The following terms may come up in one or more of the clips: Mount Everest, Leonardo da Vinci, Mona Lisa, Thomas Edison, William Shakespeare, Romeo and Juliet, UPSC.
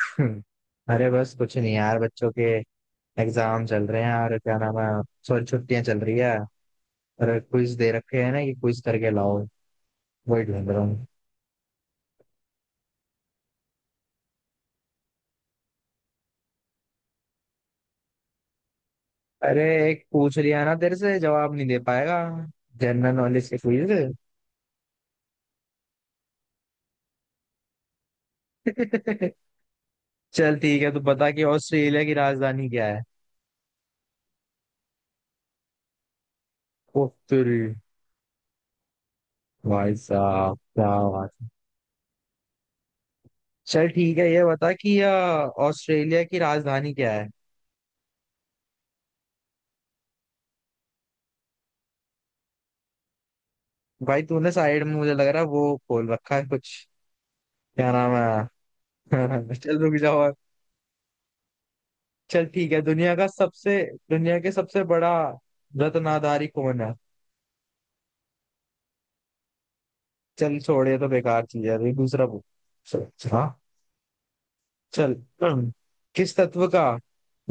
हम्म, अरे बस कुछ नहीं यार, बच्चों के एग्जाम चल रहे हैं। और क्या नाम है, सॉरी, छुट्टियां चल रही है। और क्विज दे रखे हैं ना कि क्विज करके लाओ, वही ढूंढ रहा हूँ। अरे, एक पूछ लिया ना तेरे से जवाब नहीं दे पाएगा, जनरल नॉलेज के क्विज। चल ठीक है, तू बता कि ऑस्ट्रेलिया की राजधानी क्या है। ओ तेरी, भाई साहब, क्या बात। चल ठीक है, ये बता कि ऑस्ट्रेलिया की राजधानी क्या है। भाई, तूने साइड में मुझे लग रहा है वो खोल रखा है कुछ, क्या नाम है। हाँ, हाँ, चल रुक जाओ। और चल ठीक है, दुनिया के सबसे बड़ा रत्नाधारी कौन है। चल छोड़, ये तो बेकार चीज है, अभी दूसरा पूछ। चल, हाँ। चल। हम्म, किस तत्व का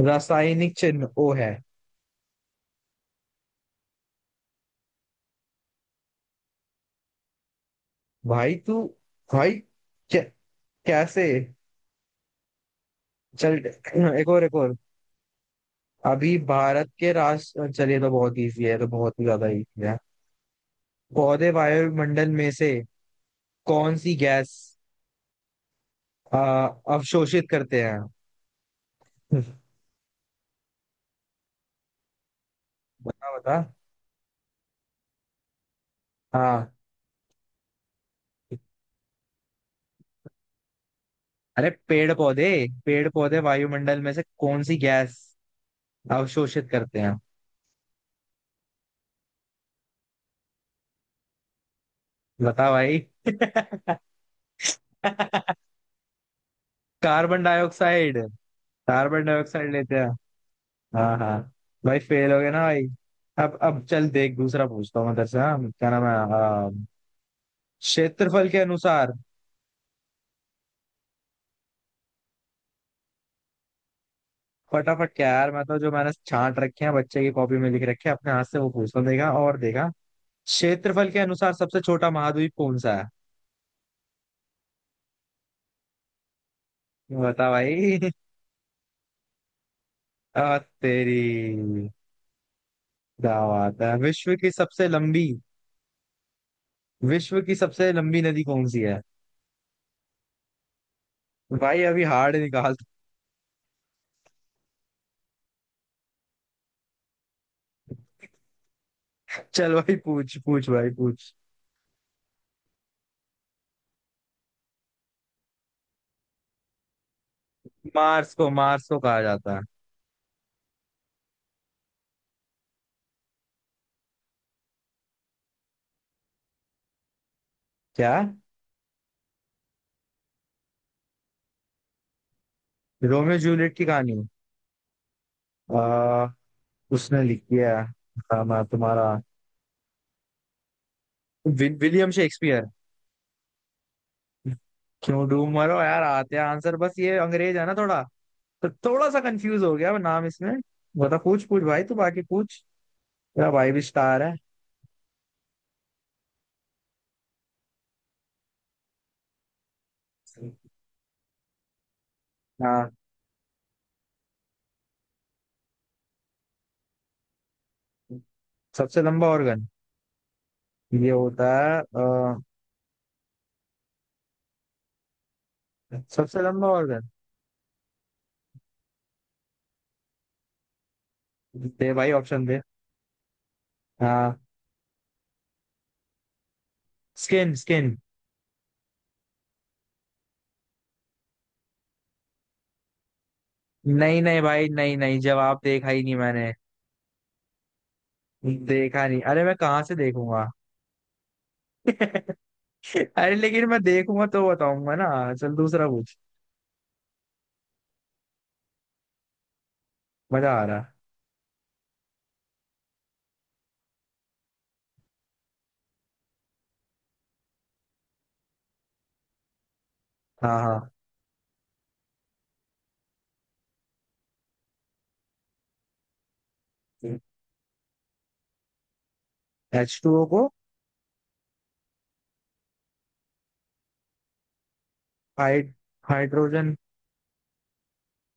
रासायनिक चिन्ह ओ है। भाई तू, भाई, कै, कैसे। चल। एक और, एक और। अभी भारत के राष्ट्र चलिए तो बहुत इजी है, ये तो बहुत ही ज्यादा इजी है। पौधे वायुमंडल में से कौन सी गैस आ, अवशोषित करते हैं। बता बता। हाँ। अरे पेड़ पौधे, पेड़ पौधे वायुमंडल में से कौन सी गैस अवशोषित करते हैं, बता भाई। Carbon dioxide. कार्बन डाइऑक्साइड लेते हैं। हाँ हाँ। भाई फेल हो गया ना भाई। अब चल देख, दूसरा पूछता हूँ मदरसे। हाँ, क्या नाम है। हाँ, क्षेत्रफल के अनुसार। फटाफट क्या यार, मैं तो जो मैंने छांट रखे हैं बच्चे की कॉपी में लिख रखे हैं अपने हाथ से, वो पूछता हूँ, देखा और देखा। क्षेत्रफल के अनुसार सबसे छोटा महाद्वीप कौन सा है, बता भाई। तेरी दावत है। विश्व की सबसे लंबी नदी कौन सी है। भाई अभी हार्ड निकाल। चल भाई, पूछ पूछ भाई पूछ। मार्स को कहा जाता है। क्या। रोमियो जूलियट की कहानी। आ, उसने लिखी है हाँ, मैं तुम्हारा। William Shakespeare. क्यों डूब मरो यार, आते हैं आंसर, बस ये अंग्रेज है ना थोड़ा, तो थोड़ा सा कंफ्यूज हो गया मैं नाम इसमें। बता पूछ पूछ भाई, तू बाकी पूछ। तेरा भाई भी स्टार है। हाँ। सबसे लंबा ऑर्गन ये होता है सबसे लंबा ऑर्गन। दे भाई ऑप्शन दे। हाँ। Skin, skin. नहीं नहीं भाई, नहीं नहीं, जवाब देखा ही नहीं मैंने, देखा नहीं, अरे मैं कहाँ से देखूंगा। अरे लेकिन मैं देखूंगा तो बताऊंगा ना, चल दूसरा पूछ, मजा आ रहा। हाँ हाँ। H2O को हाइड hydrogen,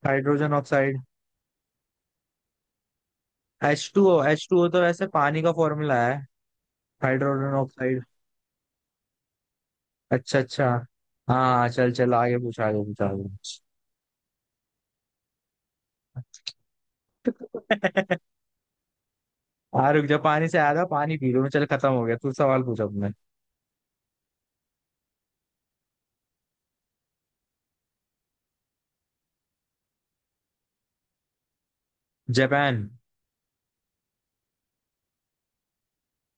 hydrogen oxide. H two O, H two O तो वैसे पानी का फॉर्मूला है, हाइड्रोजन ऑक्साइड। अच्छा अच्छा। हाँ चल चल, आगे पूछ आगे पूछ आगे पूछ। हाँ रुक जा, पानी से आया था, पानी पी लो, चल खत्म हो गया, तू सवाल पूछ अपने। जापान।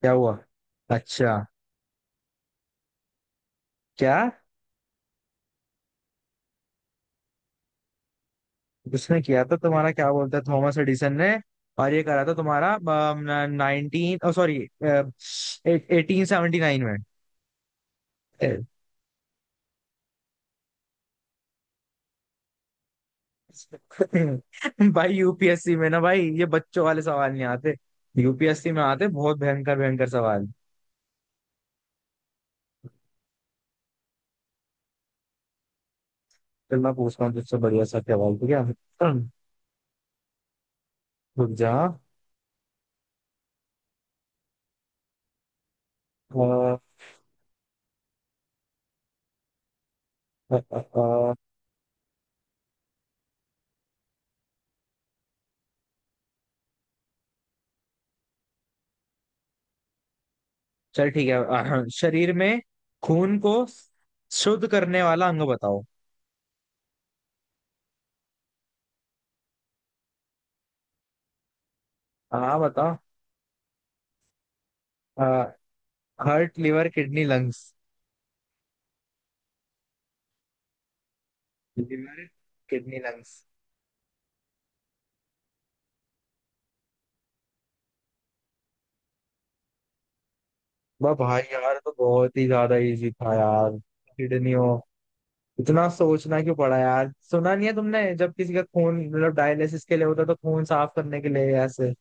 क्या हुआ। अच्छा, क्या। उसने किया था तुम्हारा, क्या बोलता है, थॉमस एडिसन ने। और ये करा था तुम्हारा नाइनटीन ओ सॉरी 1879 में। अ, भाई UPSC में ना भाई, ये बच्चों वाले सवाल नहीं आते, UPSC में आते बहुत भयंकर भयंकर सवाल। फिर मैं पूछता हूँ तुझसे बढ़िया सा सवाल, ठीक है। रुक जा। अ, अ, अ, अ, चल ठीक है। शरीर में खून को शुद्ध करने वाला अंग बताओ। हाँ बताओ। Heart, liver, kidney, lungs. Liver, kidney, lungs. वाह भाई यार, तो बहुत ही ज्यादा इजी था यार। किडनियों, इतना सोचना क्यों पड़ा यार। सुना नहीं है तुमने, जब किसी का खून मतलब डायलिसिस के लिए होता है, तो खून साफ करने के लिए ऐसे,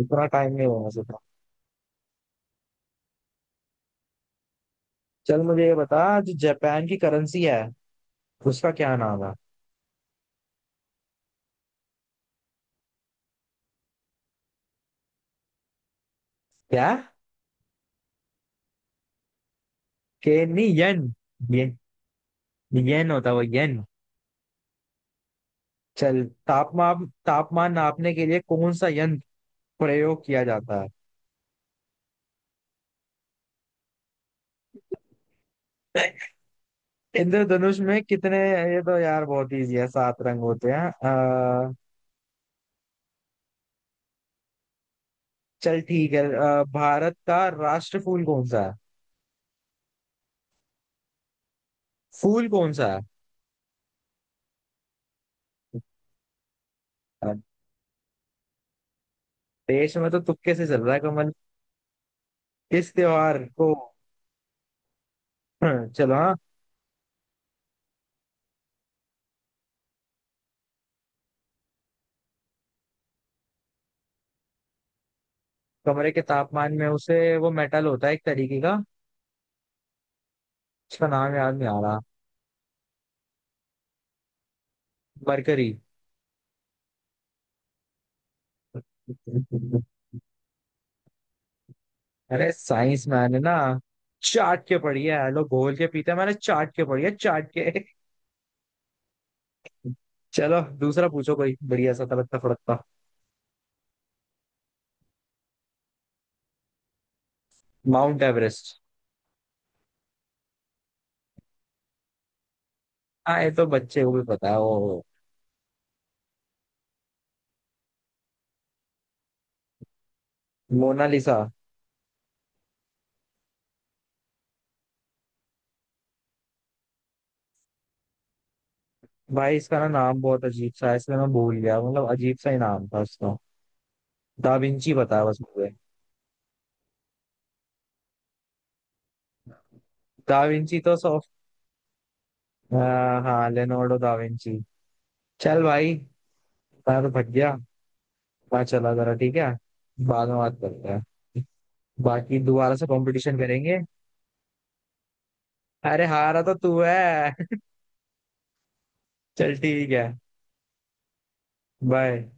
इतना टाइम नहीं होगा। चल मुझे ये बता, जो जापान की करेंसी है उसका क्या नाम है। क्या। के नहीं, येन। ये। येन होता है, वो येन। चल, तापमान तापमान नापने के लिए कौन सा यंत्र प्रयोग किया जाता है। इंद्रधनुष में कितने, ये तो यार बहुत इजी है, 7 रंग होते हैं। अ, चल ठीक है, भारत का राष्ट्र फूल कौन सा है, फूल कौन सा है। अ, देश में तो तुक्के से चल रहा है कमल। इस त्योहार को चलो, हाँ, कमरे के तापमान में उसे वो मेटल होता है एक तरीके का, उसका नाम याद नहीं आ रहा। मरकरी। अरे साइंस मैंने ना चाट के पढ़ी है, लोग घोल के पीते हैं, मैंने चाट के पढ़ी है, चाट के। चलो दूसरा पूछो कोई बढ़िया सा, तड़कता फड़कता। Mount Everest. हाँ ये तो बच्चे को भी पता है, वो मोनालिसा। भाई इसका ना नाम बहुत अजीब सा है इसलिए मैं भूल गया, मतलब अजीब सा ही नाम था उसका, दा विंची पता है बस मुझे। दा विंची तो सॉफ्ट। हाँ, लेनोर्डो दा विंची। चल भाई, मैं तो थक गया, मैं चला जरा, ठीक है, बाद में बात करते हैं, बाकी दोबारा से कंपटीशन करेंगे। अरे हारा तो तू है। चल ठीक है, बाय।